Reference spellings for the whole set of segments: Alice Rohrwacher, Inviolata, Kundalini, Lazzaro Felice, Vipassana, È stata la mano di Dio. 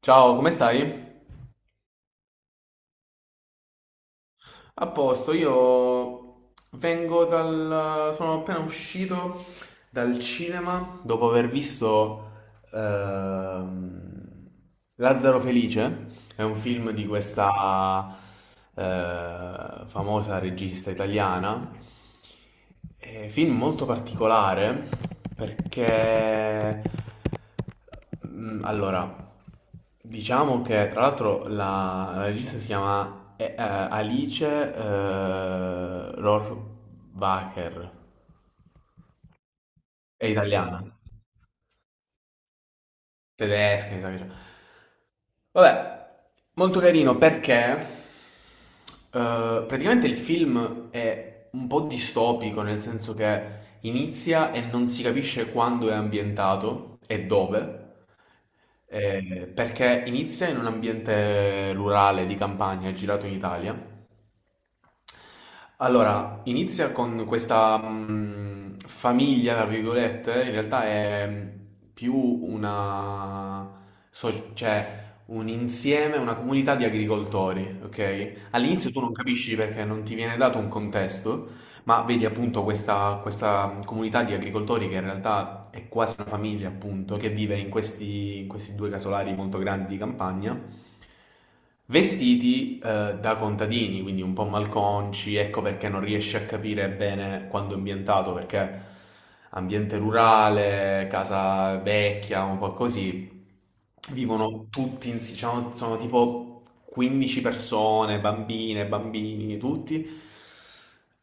Ciao, come stai? A posto, io vengo dal... sono appena uscito dal cinema dopo aver visto ehm, Lazzaro Felice, è un film di questa famosa regista italiana, è un film molto particolare perché Allora, diciamo che tra l'altro la regista si chiama Alice Rohrwacher, è italiana, tedesca, mi sa che c'è. Vabbè, molto carino perché praticamente il film è un po' distopico, nel senso che inizia e non si capisce quando è ambientato e dove. Perché inizia in un ambiente rurale di campagna, è girato in Italia. Allora, inizia con questa famiglia, tra virgolette, in realtà è più una, cioè un insieme, una comunità di agricoltori, ok? All'inizio tu non capisci perché non ti viene dato un contesto, ma vedi appunto questa comunità di agricoltori che in realtà è quasi una famiglia, appunto, che vive in questi due casolari molto grandi di campagna, vestiti da contadini, quindi un po' malconci, ecco perché non riesci a capire bene quando è ambientato, perché ambiente rurale, casa vecchia, un po' così. Vivono tutti, diciamo, sono tipo 15 persone, bambine, bambini, tutti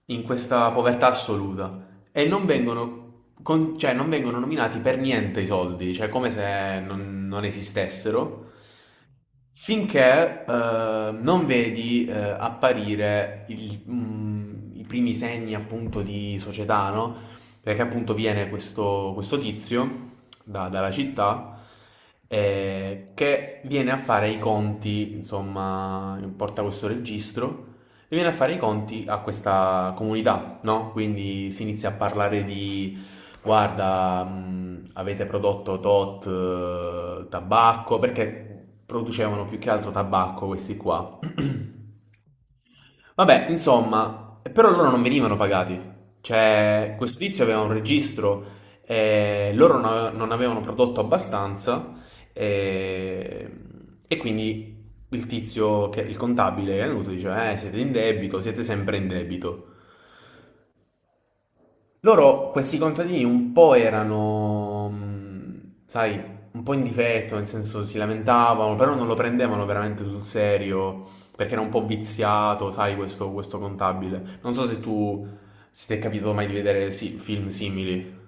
in questa povertà assoluta e non vengono, cioè, non vengono nominati per niente i soldi, cioè come se non esistessero, finché non vedi apparire i primi segni appunto di società, no? Perché appunto viene questo tizio dalla città che viene a fare i conti, insomma, porta questo registro e viene a fare i conti a questa comunità, no? Quindi si inizia a parlare di, guarda, avete prodotto tot tabacco, perché producevano più che altro tabacco questi qua. Vabbè, insomma, però loro non venivano pagati. Cioè, questo tizio aveva un registro, loro non avevano prodotto abbastanza eh, e quindi il tizio, il contabile che è venuto, diceva, siete in debito, siete sempre in debito. Loro, questi contadini, un po' erano, sai, un po' in difetto, nel senso si lamentavano, però non lo prendevano veramente sul serio, perché era un po' viziato, sai, questo contabile. Non so se tu, se ti è capitato mai di vedere film simili.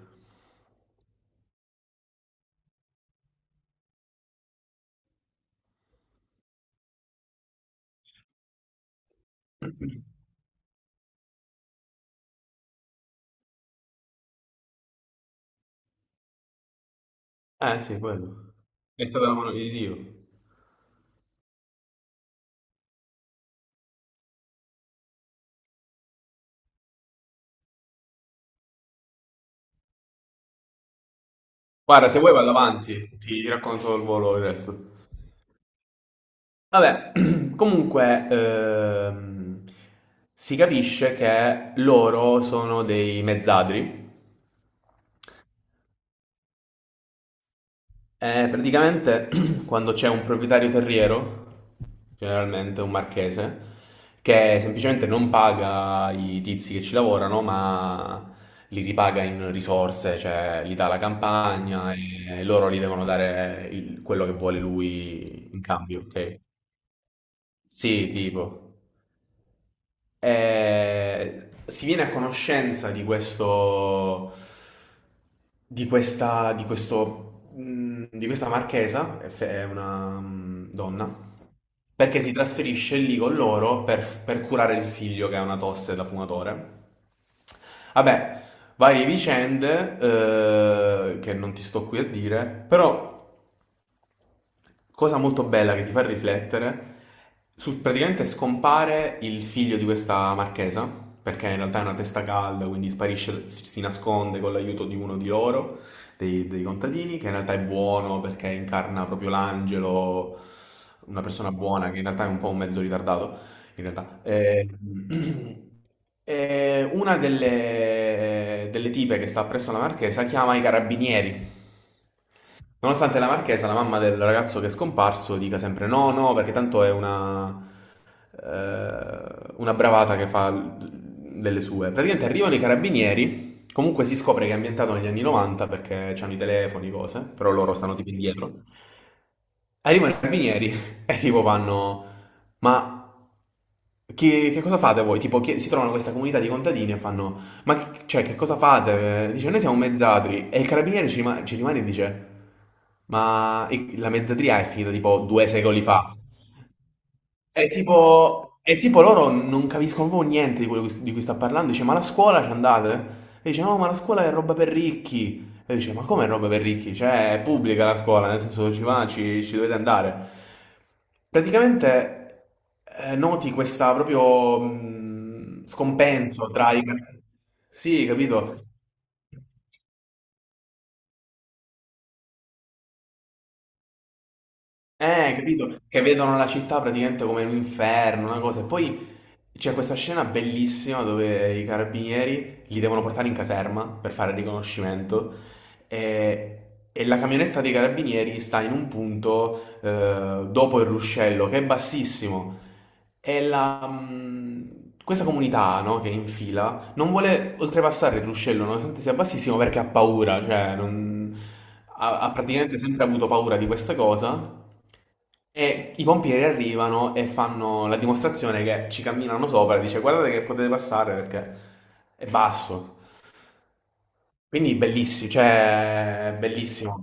Eh sì, quello. È stata la mano di Dio. Guarda, se vuoi vado avanti, ti racconto al volo il resto. Vabbè, comunque si capisce che loro sono dei mezzadri e praticamente quando c'è un proprietario terriero, generalmente un marchese, che semplicemente non paga i tizi che ci lavorano, ma li ripaga in risorse, cioè gli dà la campagna e loro gli devono dare quello che vuole lui in cambio, ok? Sì, tipo. Eh, si viene a conoscenza di questo, di questo, di questa marchesa, è è una donna, perché si trasferisce lì con loro per curare il figlio che ha una tosse da fumatore. Vabbè, varie vicende che non ti sto qui a dire, però cosa molto bella che ti fa riflettere, praticamente scompare il figlio di questa marchesa, perché in realtà è una testa calda, quindi sparisce, si nasconde con l'aiuto di uno di loro, dei contadini, che in realtà è buono perché incarna proprio l'angelo, una persona buona che in realtà è un po' un mezzo ritardato, in realtà. Una delle tipe che sta presso la marchesa chiama i carabinieri. Nonostante la marchesa, la mamma del ragazzo che è scomparso, dica sempre no, no, perché tanto è una bravata che fa delle sue. Praticamente arrivano i carabinieri, comunque si scopre che è ambientato negli anni 90 perché c'hanno i telefoni, cose, però loro stanno tipo indietro. Arrivano i carabinieri e tipo vanno, ma che cosa fate voi? Tipo, si trovano questa comunità di contadini e fanno: Ma che, cioè, che cosa fate? Dice: Noi siamo mezzadri. E il carabiniere ci rimane e dice: Ma la mezzadria è finita tipo due secoli fa. È tipo loro non capiscono proprio niente di quello di cui sta parlando. Dice, ma la scuola ci andate? E dice, no, ma la scuola è roba per ricchi. E dice, ma come è roba per ricchi? Cioè, è pubblica la scuola, nel senso ci va, ci dovete andare. Praticamente noti questa proprio scompenso tra i... Sì, capito? Capito? Che vedono la città praticamente come un inferno, una cosa. E poi c'è questa scena bellissima dove i carabinieri li devono portare in caserma per fare il riconoscimento e, e la camionetta dei carabinieri sta in un punto dopo il ruscello, che è bassissimo. E la, questa comunità, no, che è in fila non vuole oltrepassare il ruscello nonostante sia bassissimo perché ha paura, ha, ha praticamente sempre avuto paura di questa cosa. E i pompieri arrivano e fanno la dimostrazione che ci camminano sopra e dice guardate che potete passare perché è basso. Quindi bellissimo, cioè bellissimo.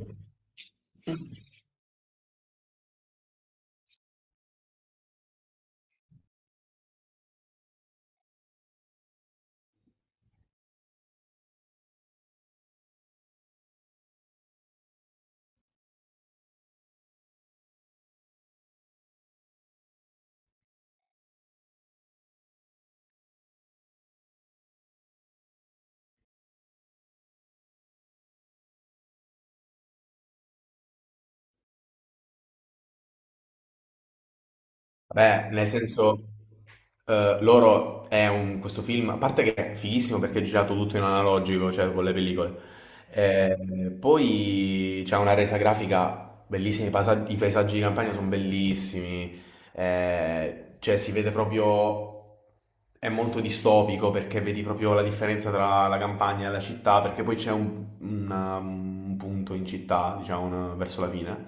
Beh, nel senso, loro è un, questo film, a parte che è fighissimo perché è girato tutto in analogico, cioè con le pellicole. Poi c'è una resa grafica bellissima, i paesaggi di campagna sono bellissimi, cioè si vede proprio, è molto distopico perché vedi proprio la differenza tra la campagna e la città, perché poi c'è un punto in città, diciamo, verso la fine.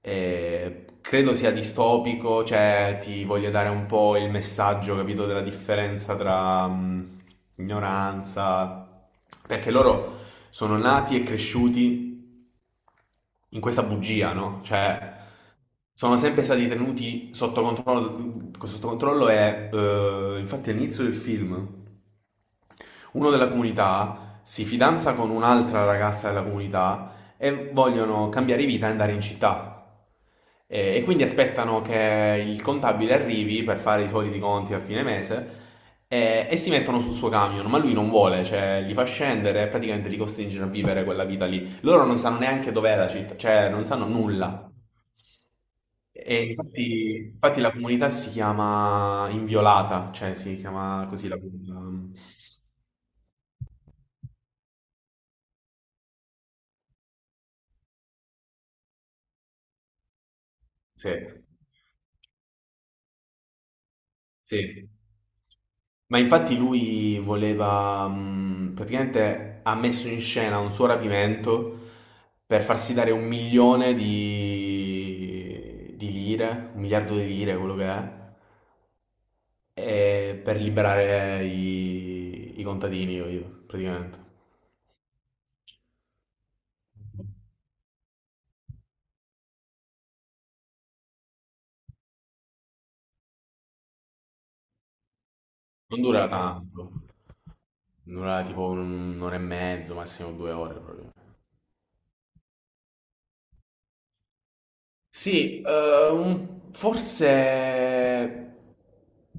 E credo sia distopico, cioè ti voglio dare un po' il messaggio, capito, della differenza tra ignoranza, perché loro sono nati e cresciuti in questa bugia, no? Cioè, sono sempre stati tenuti sotto controllo e infatti all'inizio del film uno della comunità si fidanza con un'altra ragazza della comunità e vogliono cambiare vita e andare in città. E quindi aspettano che il contabile arrivi per fare i soliti conti a fine mese e si mettono sul suo camion, ma lui non vuole, cioè li fa scendere e praticamente li costringe a vivere quella vita lì. Loro non sanno neanche dov'è la città, cioè non sanno nulla. E infatti, infatti la comunità si chiama Inviolata, cioè si chiama così la comunità. Sì. Sì, ma infatti lui voleva, praticamente ha messo in scena un suo rapimento per farsi dare un milione di lire, un miliardo di lire, quello che è, e per liberare i contadini, io, praticamente. Non dura tanto, dura tipo un'ora e mezzo, massimo due ore proprio. Sì, forse...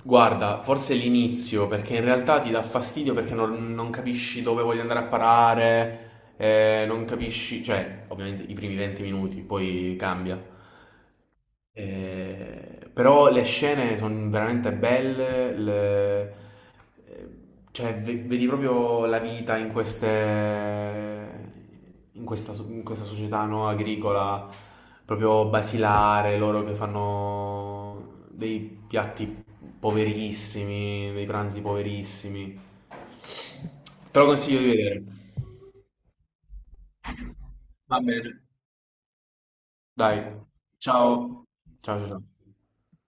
Guarda, forse l'inizio, perché in realtà ti dà fastidio perché non capisci dove voglio andare a parare, non capisci... Cioè, ovviamente i primi 20 minuti, poi cambia. Però le scene sono veramente belle, eh, cioè vedi proprio la vita in queste, in questa, in questa società no, agricola, proprio basilare, loro che fanno dei piatti poverissimi, dei pranzi poverissimi. Te lo consiglio di vedere. Va bene. Dai, ciao. Ciao, ciao. Ciao.